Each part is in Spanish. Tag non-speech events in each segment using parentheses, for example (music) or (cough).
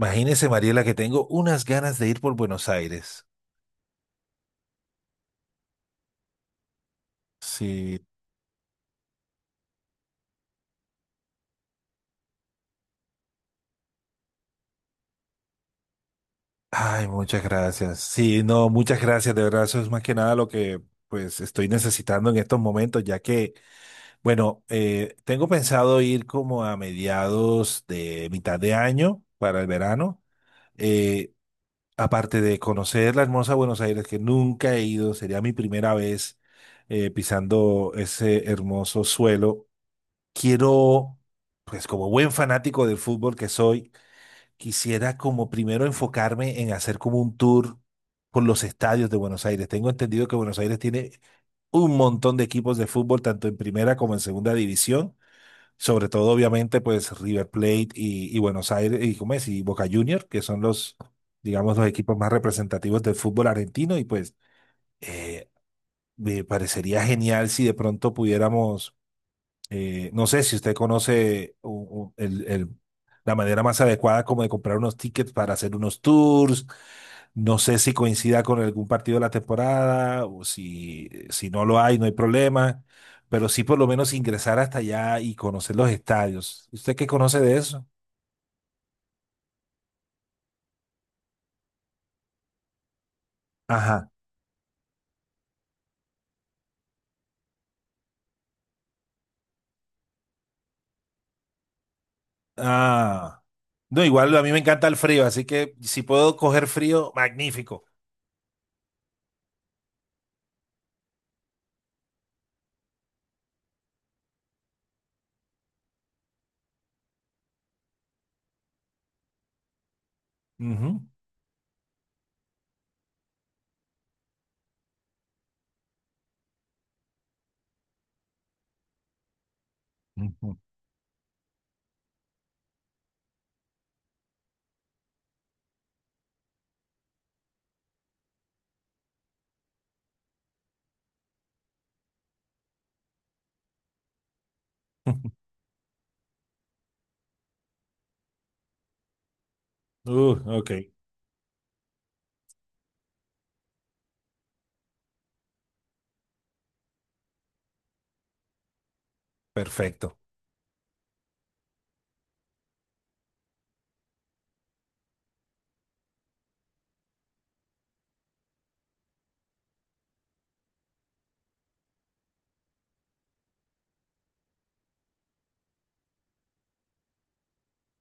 Imagínese, Mariela, que tengo unas ganas de ir por Buenos Aires. Sí. Ay, muchas gracias. Sí, no, muchas gracias. De verdad, eso es más que nada lo que pues estoy necesitando en estos momentos, ya que, bueno, tengo pensado ir como a mediados de mitad de año para el verano. Eh, aparte de conocer la hermosa Buenos Aires, que nunca he ido, sería mi primera vez pisando ese hermoso suelo. Quiero, pues como buen fanático del fútbol que soy, quisiera como primero enfocarme en hacer como un tour por los estadios de Buenos Aires. Tengo entendido que Buenos Aires tiene un montón de equipos de fútbol, tanto en primera como en segunda división, sobre todo obviamente pues River Plate y Buenos Aires y, ¿cómo es? Y Boca Juniors, que son los, digamos, los equipos más representativos del fútbol argentino y pues eh, me parecería genial si de pronto pudiéramos no sé si usted conoce u- el- el- la manera más adecuada como de comprar unos tickets para hacer unos tours. No sé si coincida con algún partido de la temporada o si no lo hay, no hay problema. Pero sí por lo menos ingresar hasta allá y conocer los estadios. ¿Usted qué conoce de eso? Ajá. Ah. No, igual a mí me encanta el frío, así que si puedo coger frío, magnífico. Ujú. Ujú. (laughs) Ok, perfecto.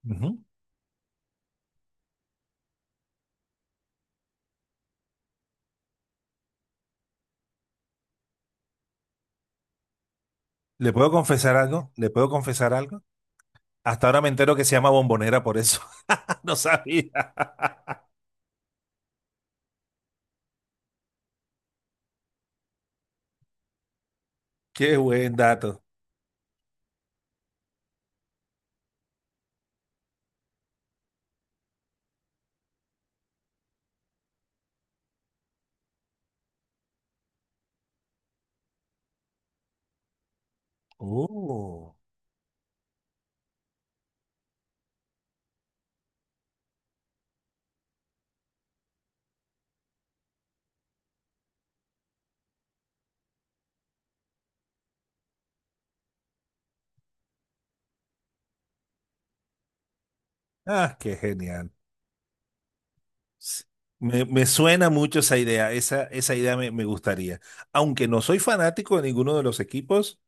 Ujú. ¿Le puedo confesar algo? ¿Le puedo confesar algo? Hasta ahora me entero que se llama bombonera por eso. (laughs) No sabía. (laughs) Qué buen dato. Oh, ah, qué genial. S- me suena mucho esa idea. Esa idea me gustaría. Aunque no soy fanático de ninguno de los equipos,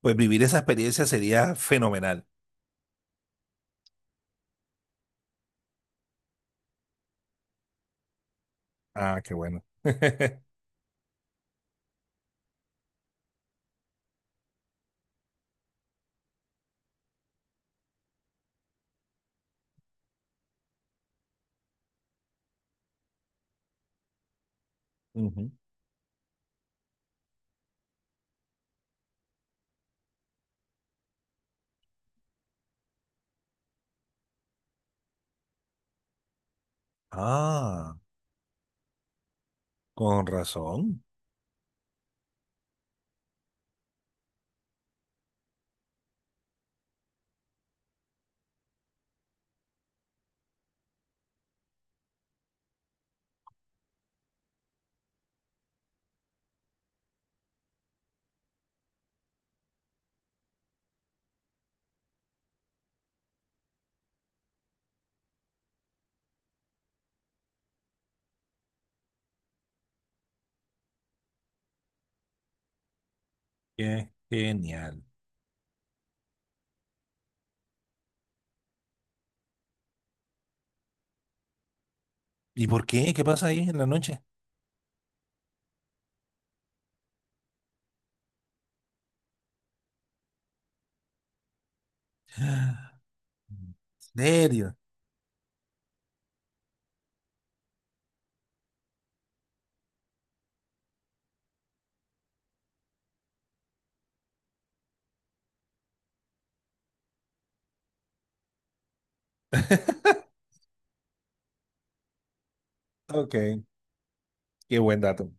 pues vivir esa experiencia sería fenomenal. Ah, qué bueno. (laughs) Ujú. Ah, con razón. Qué genial. ¿Y por qué? ¿Qué pasa ahí en la noche? (gasps) ¿En serio? (laughs) Ok, qué buen dato.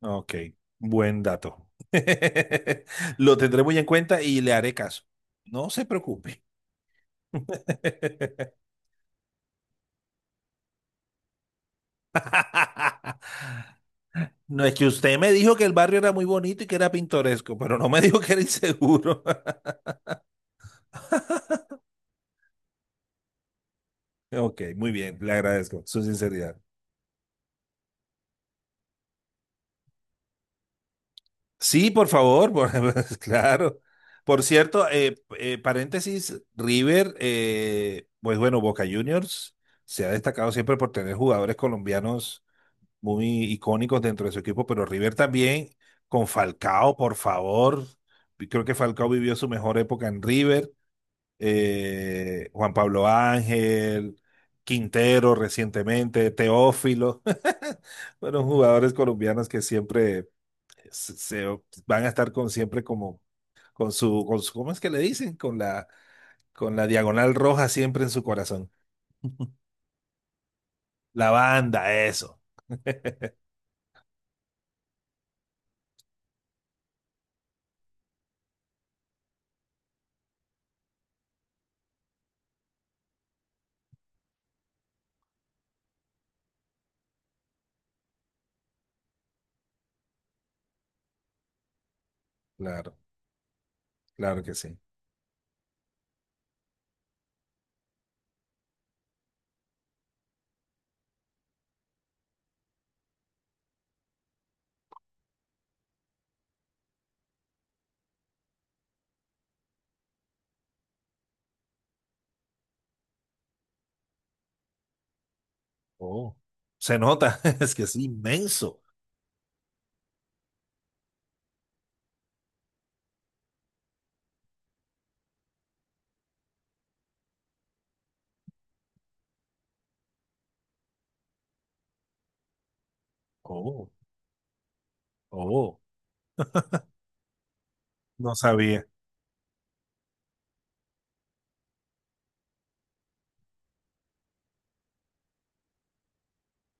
Ok, buen dato. (laughs) Lo tendré muy en cuenta y le haré caso. No se preocupe. (laughs) No es que usted me dijo que el barrio era muy bonito y que era pintoresco, pero no me dijo que era inseguro. (laughs) Ok, muy bien, le agradezco su sinceridad. Sí, por favor, (laughs) claro. Por cierto, paréntesis, River, pues bueno, Boca Juniors se ha destacado siempre por tener jugadores colombianos muy icónicos dentro de su equipo, pero River también con Falcao, por favor. Y creo que Falcao vivió su mejor época en River. Juan Pablo Ángel, Quintero recientemente, Teófilo. (laughs) Fueron jugadores colombianos que siempre se, se- van a estar con siempre como con con su, ¿cómo es que le dicen? Con con la diagonal roja siempre en su corazón. (laughs) La banda, eso. (laughs) Claro, claro que sí. Oh, se nota, (laughs) es que es inmenso. Oh, oh, no sabía.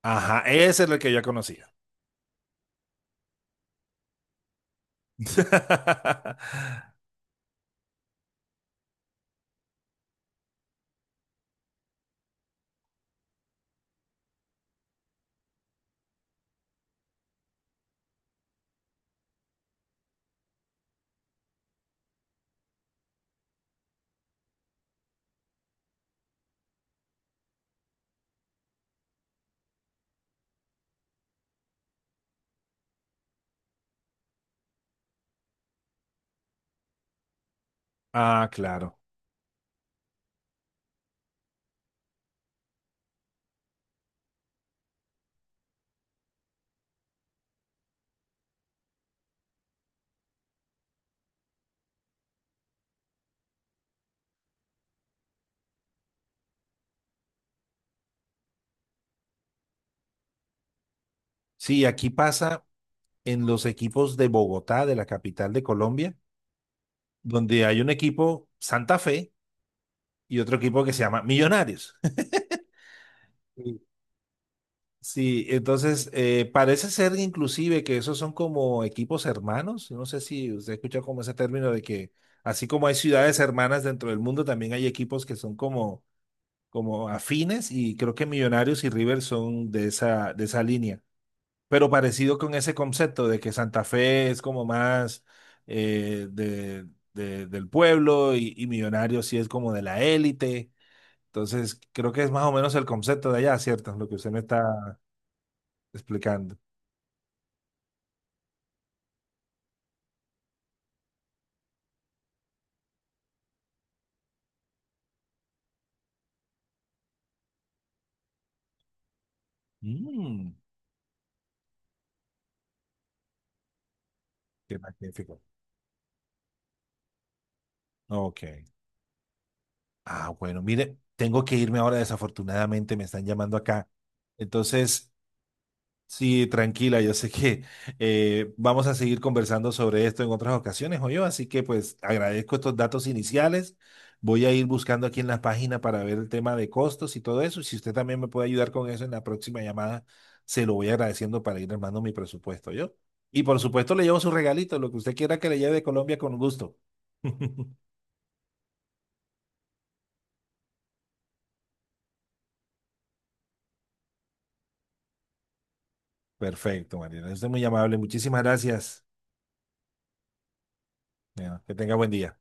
Ajá, ese es el que yo conocía. (laughs) Ah, claro. Sí, aquí pasa en los equipos de Bogotá, de la capital de Colombia, donde hay un equipo Santa Fe y otro equipo que se llama Millonarios. (laughs) Sí, sí, entonces parece ser inclusive que esos son como equipos hermanos. No sé si usted ha escuchado como ese término de que así como hay ciudades hermanas dentro del mundo, también hay equipos que son como, como afines y creo que Millonarios y River son de de esa línea. Pero parecido con ese concepto de que Santa Fe es como más eh, de, del pueblo y Millonarios sí es como de la élite. Entonces, creo que es más o menos el concepto de allá, ¿cierto? Lo que usted me está explicando. Mm, qué magnífico. Ok. Ah, bueno, mire, tengo que irme ahora, desafortunadamente me están llamando acá. Entonces, sí, tranquila, yo sé que vamos a seguir conversando sobre esto en otras ocasiones, o yo, así que pues agradezco estos datos iniciales. Voy a ir buscando aquí en la página para ver el tema de costos y todo eso. Y si usted también me puede ayudar con eso en la próxima llamada, se lo voy agradeciendo para ir armando mi presupuesto, yo. Y por supuesto le llevo su regalito, lo que usted quiera que le lleve de Colombia con gusto. (laughs) Perfecto, Mariana. Usted es muy amable. Muchísimas gracias. Bueno, que tenga buen día.